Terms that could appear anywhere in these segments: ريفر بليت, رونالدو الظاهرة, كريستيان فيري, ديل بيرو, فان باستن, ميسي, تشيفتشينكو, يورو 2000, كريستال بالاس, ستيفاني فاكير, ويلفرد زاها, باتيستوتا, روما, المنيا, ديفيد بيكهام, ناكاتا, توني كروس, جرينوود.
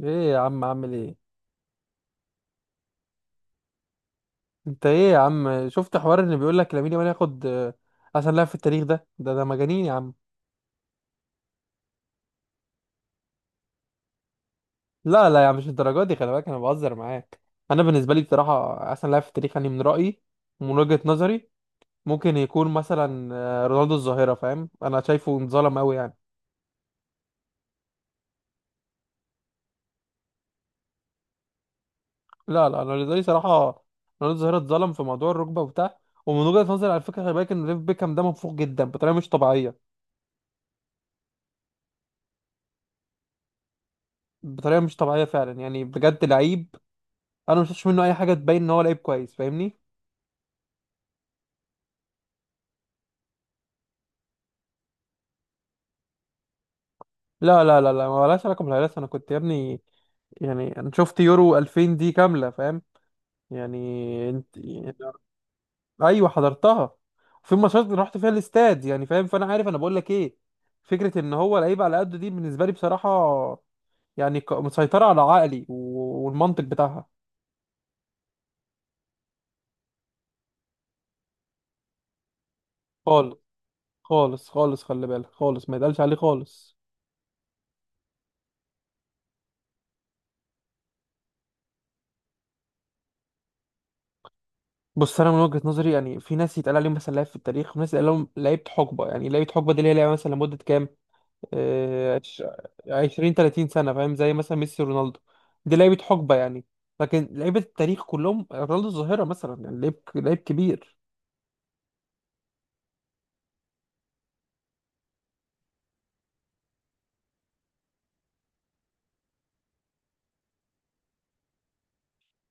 ايه يا عم عامل ايه؟ انت ايه يا عم شفت حوار ان بيقول لك لامين يامال ياخد احسن لاعب في التاريخ؟ ده مجانين يا عم. لا يا عم، مش الدرجات دي، خلي بالك انا بهزر معاك. انا بالنسبه لي بصراحه احسن لاعب في التاريخ يعني من رايي ومن وجهه نظري ممكن يكون مثلا رونالدو الظاهره، فاهم؟ انا شايفه انظلم قوي يعني. لا انا بالنسبه لي صراحه رونالدو الظاهره اتظلم في موضوع الركبه وبتاع. ومن وجهه نظري على فكره خلي بالك ان ديفيد بيكهام ده منفوق جدا بطريقه مش طبيعيه، بطريقه مش طبيعيه فعلا يعني، بجد لعيب. انا ما شفتش منه اي حاجه تبين ان هو لعيب كويس، فاهمني؟ لا ما لهاش علاقه بالهلاس، انا كنت يا ابني، يعني انا شفت يورو 2000 دي كامله، فاهم يعني؟ انت يعني. ايوه حضرتها. في ماتشات رحت فيها الاستاد يعني، فاهم؟ فانا عارف انا بقول لك ايه. فكره ان هو لعيب على قده دي بالنسبه لي بصراحه يعني مسيطره على عقلي والمنطق بتاعها. خالص. خالص خلي بالك، خالص ما يتقالش عليه خالص. بص انا من وجهة نظري يعني في ناس يتقال عليهم مثلا لعيب في التاريخ وناس يتقال لهم لعيبة حقبة. يعني لعيبة حقبة دي اللي هي لعيبة مثلا لمدة كام آه، عش- عشرين تلاتين سنة، فاهم؟ زي مثلا ميسي رونالدو، دي لعيبة حقبة يعني. لكن لعيبة التاريخ كلهم، رونالدو الظاهرة مثلا، يعني لعيب، لعيب كبير.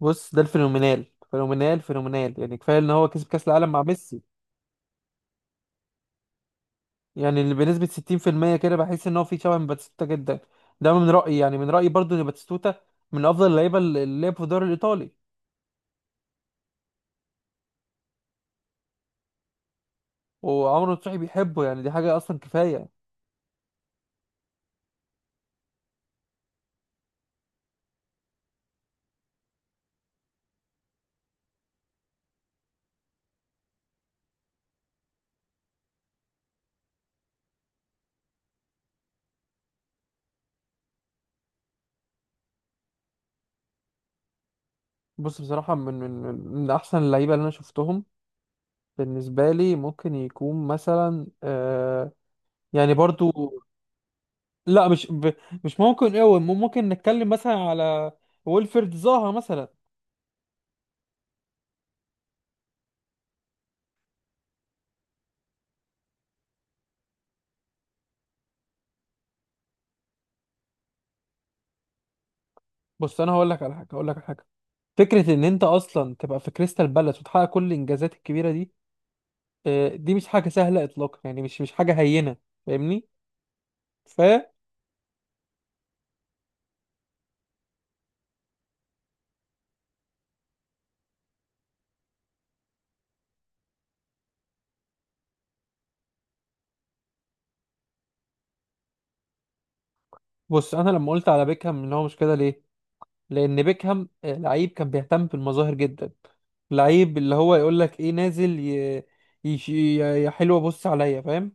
بص ده الفينومينال، فينومينال، يعني كفاية ان هو كسب كأس العالم مع ميسي. يعني اللي بنسبة 60% كده بحس ان هو في شبه من باتيستوتا جدا. ده من رأيي، يعني من رأيي برضو ان باتيستوتا من افضل اللعيبة اللي لعب في الدوري الايطالي. وعمرو نصوحي بيحبه، يعني دي حاجة أصلا كفاية. بص بصراحة من من أحسن اللعيبة اللي أنا شفتهم بالنسبة لي ممكن يكون مثلا آه، يعني برضو. لا مش ممكن أوي، ممكن نتكلم مثلا على ويلفرد زاها مثلا. بص أنا هقول لك على حاجة، هقول لك على حاجة. فكرة إن أنت أصلا تبقى في كريستال بالاس وتحقق كل الإنجازات الكبيرة دي، آه دي مش حاجة سهلة إطلاقا، يعني مش حاجة هينة، فاهمني؟ فبص. أنا لما قلت على بيكهام إن هو مش كده ليه؟ لان بيكهام لعيب كان بيهتم بالمظاهر جدا، لعيب اللي هو يقول لك ايه، نازل يا حلوه بص عليا، فاهم؟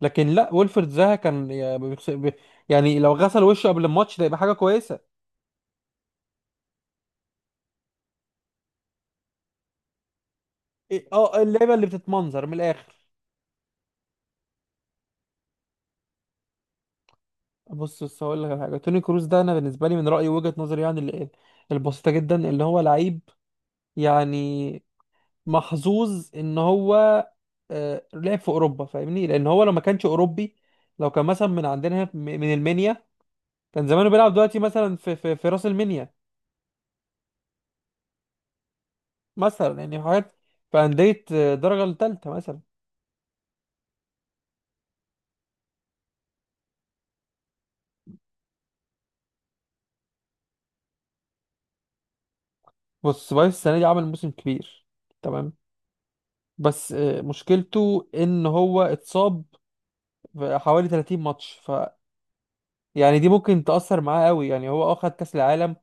لكن لا، ويلفرد زها كان يعني لو غسل وشه قبل الماتش ده يبقى حاجه كويسه. اه اللعيبه اللي بتتمنظر من الاخر. بص بص هقول لك على حاجه، توني كروس ده انا بالنسبه لي من رايي وجهه نظري يعني البسيطه جدا، اللي هو لعيب يعني محظوظ ان هو لعب في اوروبا، فاهمني؟ لان هو لو ما كانش اوروبي، لو كان مثلا من عندنا هنا من المنيا، كان زمانه بيلعب دلوقتي مثلا في في راس المنيا مثلا، يعني حاجات في انديه درجه الثالثه مثلا. بص سبايس السنه دي عمل موسم كبير، تمام؟ بس مشكلته ان هو اتصاب في حوالي 30 ماتش، ف يعني دي ممكن تأثر معاه قوي. يعني هو اه خد كأس العالم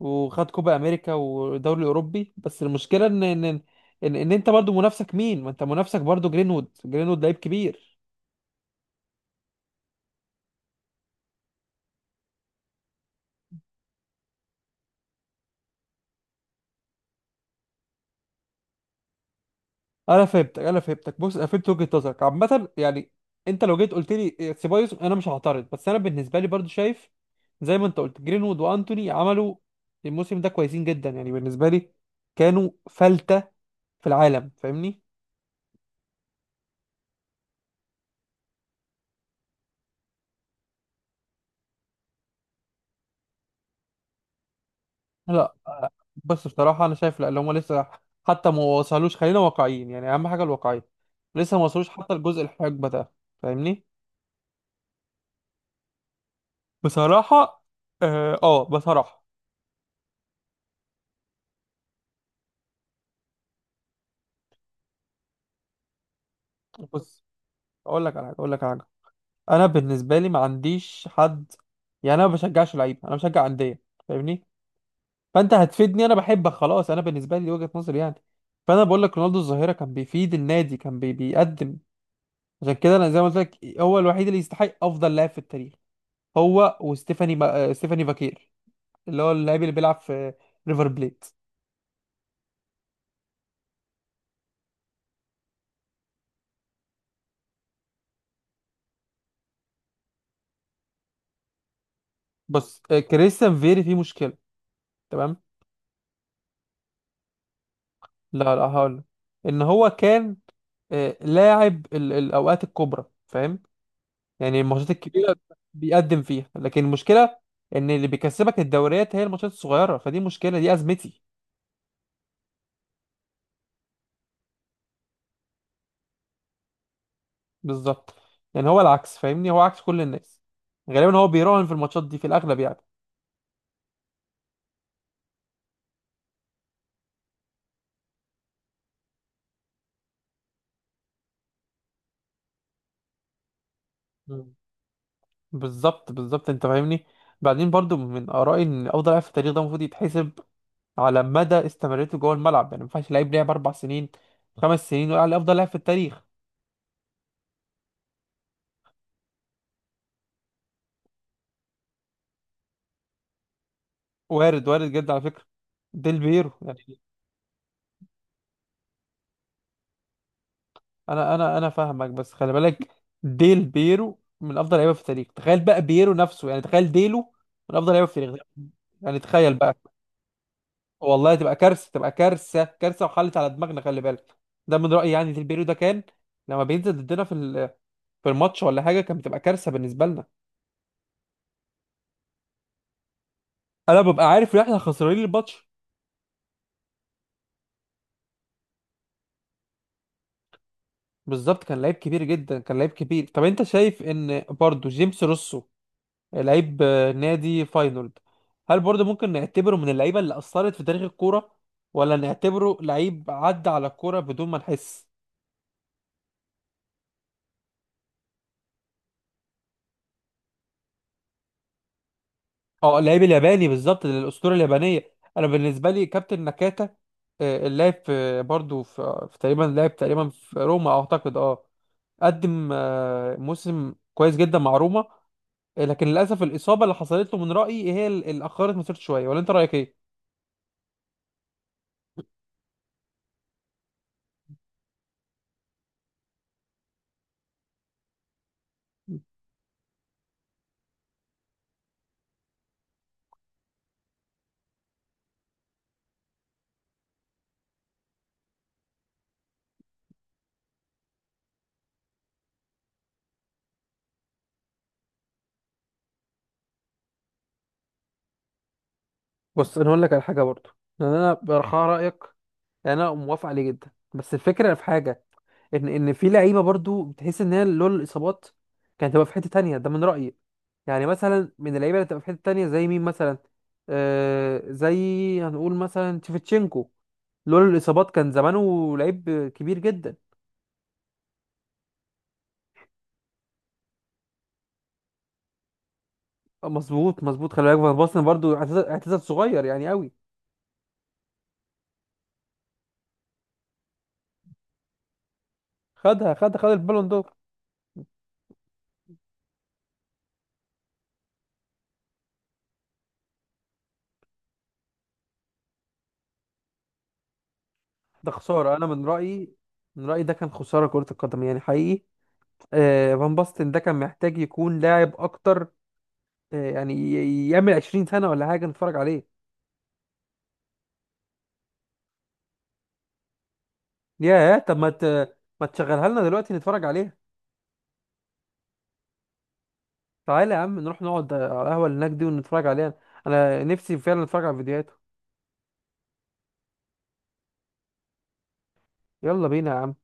وخد كوبا امريكا ودوري الاوروبي، بس المشكله ان ان ان, إن إن انت برضو منافسك مين؟ ما انت منافسك برضو جرينوود، جرينوود لعيب كبير. انا فهمتك بص، انا فهمت وجهه نظرك عامه يعني. انت لو جيت قلت لي سيبايوس انا مش هعترض، بس انا بالنسبه لي برضو شايف زي ما انت قلت جرينوود وانتوني عملوا الموسم ده كويسين جدا. يعني بالنسبه لي كانوا فلتة في العالم، فاهمني؟ لا بس بصراحة أنا شايف لا اللي هم لسه حتى ما وصلوش، خلينا واقعيين يعني، أهم حاجة الواقعية. لسه ما وصلوش حتى الجزء الحقبة ده، فاهمني؟ بصراحة آه, بصراحة. بص، أقول لك على حاجة. أنا بالنسبة لي ما عنديش حد، يعني أنا ما بشجعش لعيب، أنا بشجع أندية، فاهمني؟ فأنت هتفيدني؟ أنا بحبك، خلاص، أنا بالنسبة لي دي وجهة نظري يعني. فأنا بقول لك رونالدو الظاهرة كان بيفيد النادي، كان بيقدم، عشان كده أنا زي ما قلت لك هو الوحيد اللي يستحق أفضل لاعب في التاريخ. هو ستيفاني فاكير اللي هو اللاعب اللي بيلعب في ريفر بليت. بص كريستيان فيري فيه مشكله، تمام؟ لا هقول لك، ان هو كان لاعب الاوقات الكبرى، فاهم؟ يعني الماتشات الكبيره بيقدم فيها، لكن المشكله ان اللي بيكسبك الدوريات هي الماتشات الصغيره، فدي مشكله، دي ازمتي. بالظبط، يعني هو العكس، فاهمني؟ هو عكس كل الناس، غالبا هو بيراهن في الماتشات دي في الاغلب. يعني بالظبط انت فاهمني. بعدين برضو من ارائي ان افضل لاعب في التاريخ ده المفروض يتحسب على مدى استمرارته جوه الملعب، يعني ما ينفعش لعيب لعب اربع سنين خمس سنين ويقع على افضل لاعب في التاريخ. وارد، وارد جدا على فكره ديل بيرو يعني. انا فاهمك، بس خلي بالك ديل بيرو من افضل لعيبه في التاريخ. تخيل بقى بيرو نفسه يعني، تخيل ديلو من افضل لعيبه في التاريخ، يعني تخيل بقى. والله تبقى كارثه، تبقى كارثه وحلت على دماغنا، خلي بالك. ده من رايي يعني، ديل بيرو ده كان لما بينزل ضدنا في الماتش ولا حاجه كانت بتبقى كارثه بالنسبه لنا. انا ببقى عارف ان احنا خسرانين الماتش. بالظبط، كان لعيب كبير جدا، كان لعيب كبير. طب انت شايف ان برضو جيمس روسو لعيب نادي فاينولد، هل برضو ممكن نعتبره من اللعيبه اللي اثرت في تاريخ الكوره، ولا نعتبره لعيب عدى على الكوره بدون ما نحس؟ اه اللاعب الياباني بالظبط، الاسطوره اليابانيه. انا بالنسبه لي كابتن ناكاتا اللاعب في برضه في, في تقريبا لاعب تقريبا في روما اعتقد، اه، قدم موسم كويس جدا مع روما. لكن للاسف الاصابه اللي حصلت له من رايي هي اللي اخرت مسيرته شويه، ولا انت رايك ايه؟ بص انا هقول لك على حاجه برضه، يعني انا برخاء رايك، يعني انا موافق عليه جدا، بس الفكره في حاجه، ان في لعيبه برضو بتحس ان هي لولا الاصابات كانت هتبقى في حته تانية، ده من رايي. يعني مثلا من اللعيبه اللي هتبقى في حته تانية زي مين مثلا؟ آه زي هنقول مثلا تشيفتشينكو، لولا الاصابات كان زمانه لعيب كبير جدا. مظبوط خلي بالك فان باستن برضو اعتزل، اعتزل صغير يعني قوي. خدها خد خد البالون دور. ده خساره، انا من رايي، من رايي ده كان خساره كره القدم يعني، حقيقي. آه فان باستن ده كان محتاج يكون لاعب اكتر، يعمل 20 سنة ولا حاجة نتفرج عليه. ياه طب ما تشغلها لنا دلوقتي نتفرج عليها. تعالى يا عم نروح نقعد على القهوة اللي هناك دي ونتفرج عليها، انا نفسي فعلا اتفرج على فيديوهاته. يلا بينا يا عم.